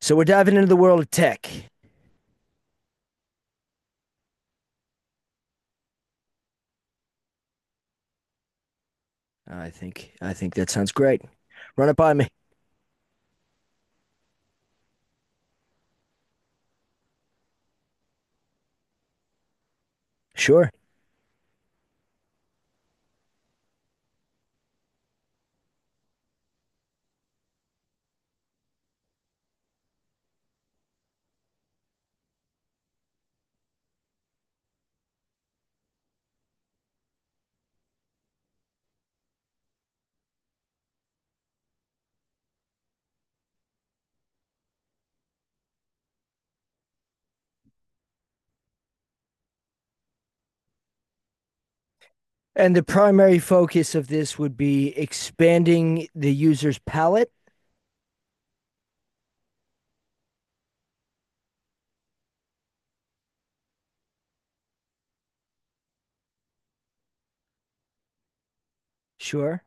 So we're diving into the world of tech. I think that sounds great. Run it by me. Sure. And the primary focus of this would be expanding the user's palette. Sure.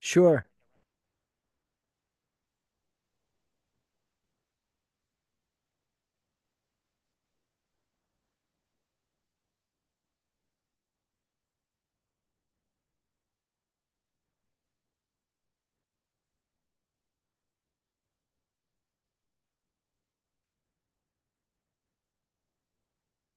Sure.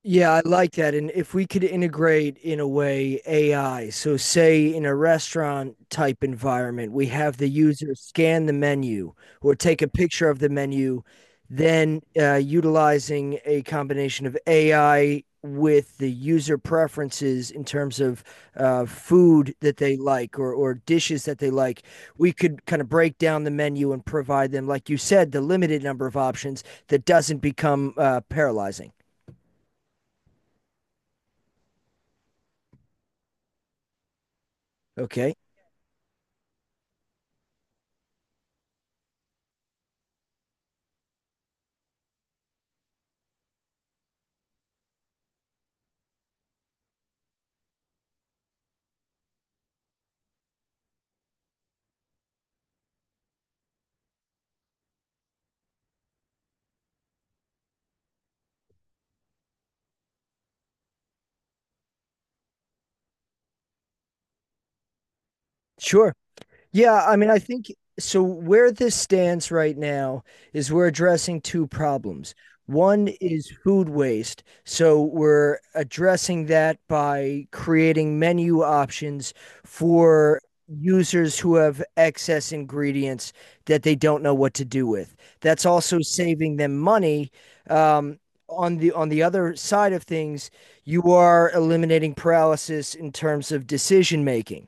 Yeah, I like that. And if we could integrate in a way AI, so say in a restaurant type environment, we have the user scan the menu or take a picture of the menu, then utilizing a combination of AI with the user preferences in terms of food that they like or dishes that they like, we could kind of break down the menu and provide them, like you said, the limited number of options that doesn't become paralyzing. Okay. Sure. Yeah, I mean, I think so. Where this stands right now is we're addressing two problems. One is food waste. So we're addressing that by creating menu options for users who have excess ingredients that they don't know what to do with. That's also saving them money. Um, on the other side of things, you are eliminating paralysis in terms of decision making.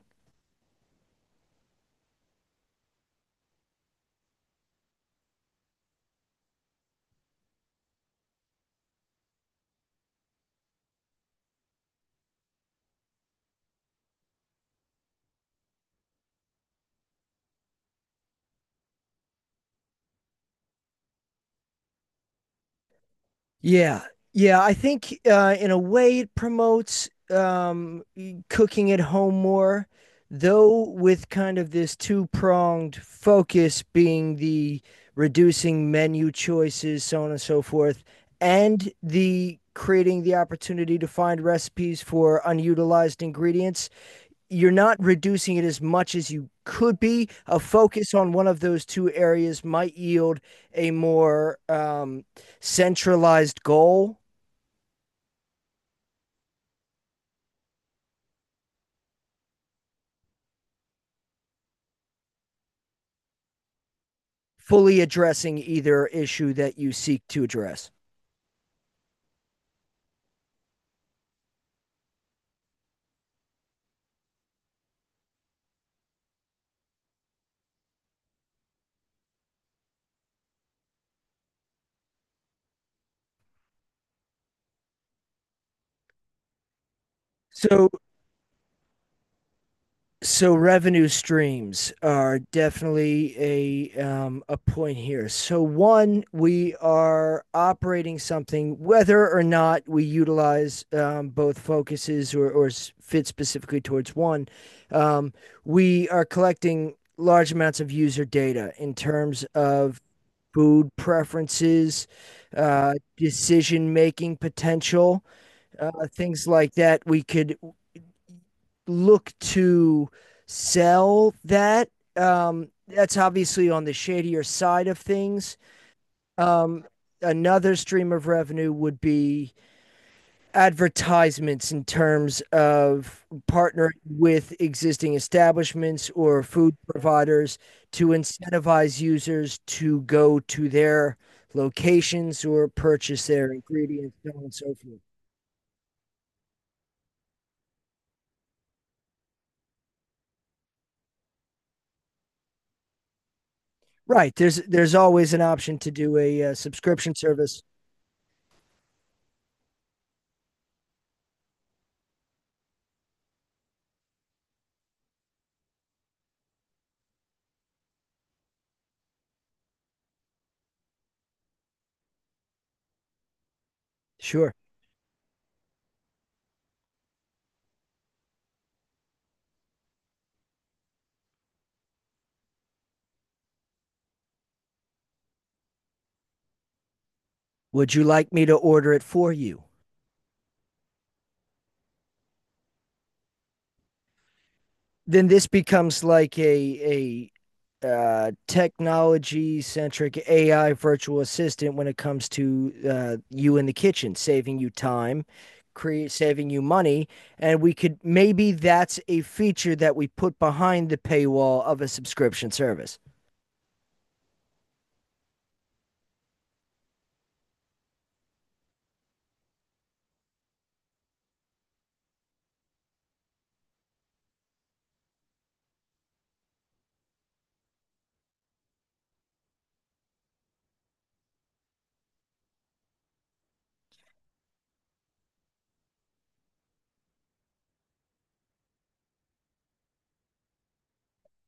Yeah. Yeah, I think in a way it promotes e- cooking at home more, though with kind of this two-pronged focus being the reducing menu choices, so on and so forth, and the creating the opportunity to find recipes for unutilized ingredients, you're not reducing it as much as you could be. A focus on one of those two areas might yield a more centralized goal, fully addressing either issue that you seek to address. So So revenue streams are definitely a point here. So one, we are operating something, whether or not we utilize both focuses or fit specifically towards one. Um, we are collecting large amounts of user data in terms of food preferences, decision making potential, things like that. We could look to sell that. That's obviously on the shadier side of things. Um, Another stream of revenue would be advertisements in terms of partnering with existing establishments or food providers to incentivize users to go to their locations or purchase their ingredients, so on and so forth. Right. There's always an option to do a, subscription service. Sure. Would you like me to order it for you? Then this becomes like a technology centric AI virtual assistant when it comes to you in the kitchen, saving you time, create saving you money, and we could maybe that's a feature that we put behind the paywall of a subscription service.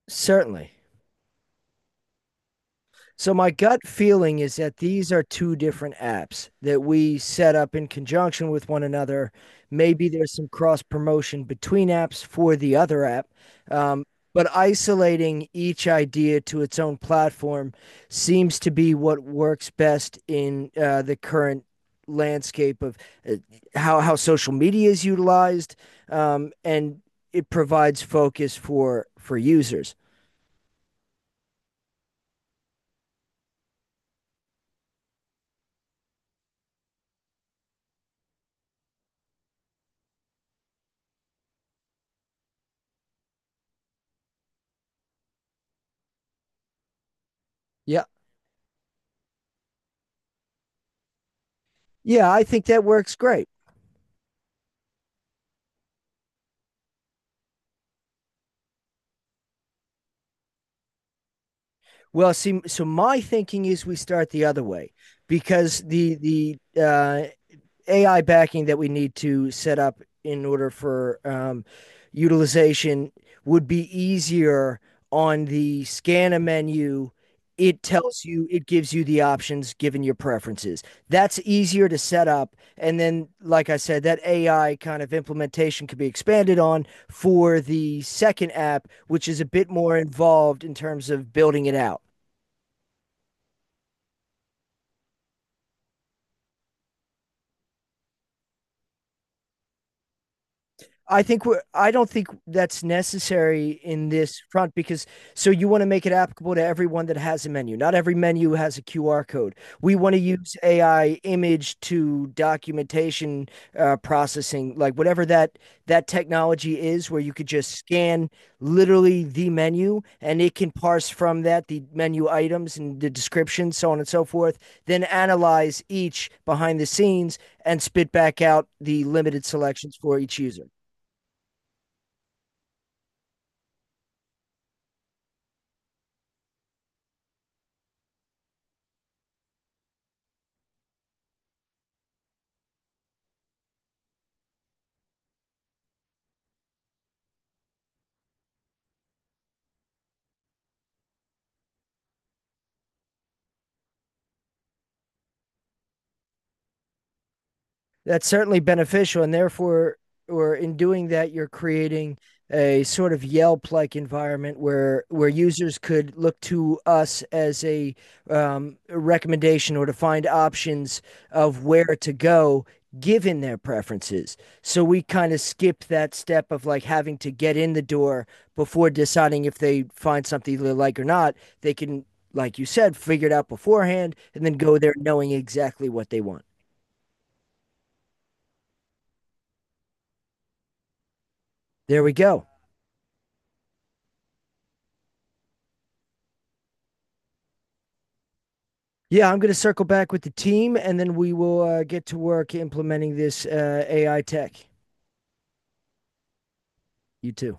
Certainly. So my gut feeling is that these are two different apps that we set up in conjunction with one another. Maybe there's some cross promotion between apps for the other app, um, but isolating each idea to its own platform seems to be what works best in the current landscape of uh, how social media is utilized, and it provides focus for users. Yeah. Yeah, I think that works great. Well, see, so my thinking is we start the other way because the AI backing that we need to set up in order for utilization would be easier on the scanner menu. It tells you, it gives you the options given your preferences. That's easier to set up. And then, like I said, that AI kind of implementation could be expanded on for the second app, which is a bit more involved in terms of building it out. I don't think that's necessary in this front because so you want to make it applicable to everyone that has a menu. Not every menu has a QR code. We want to use AI image to documentation processing, like whatever that technology is, where you could just scan literally the menu and it can parse from that the menu items and the description, so on and so forth. Then analyze each behind the scenes and spit back out the limited selections for each user. That's certainly beneficial and therefore or in doing that you're creating a sort of Yelp like environment where users could look to us as a recommendation or to find options of where to go given their preferences. So we kind of skip that step of like having to get in the door before deciding if they find something they like or not. They can, like you said, figure it out beforehand and then go there knowing exactly what they want. There we go. Yeah, I'm going to circle back with the team and then we will get to work implementing this AI tech. You too.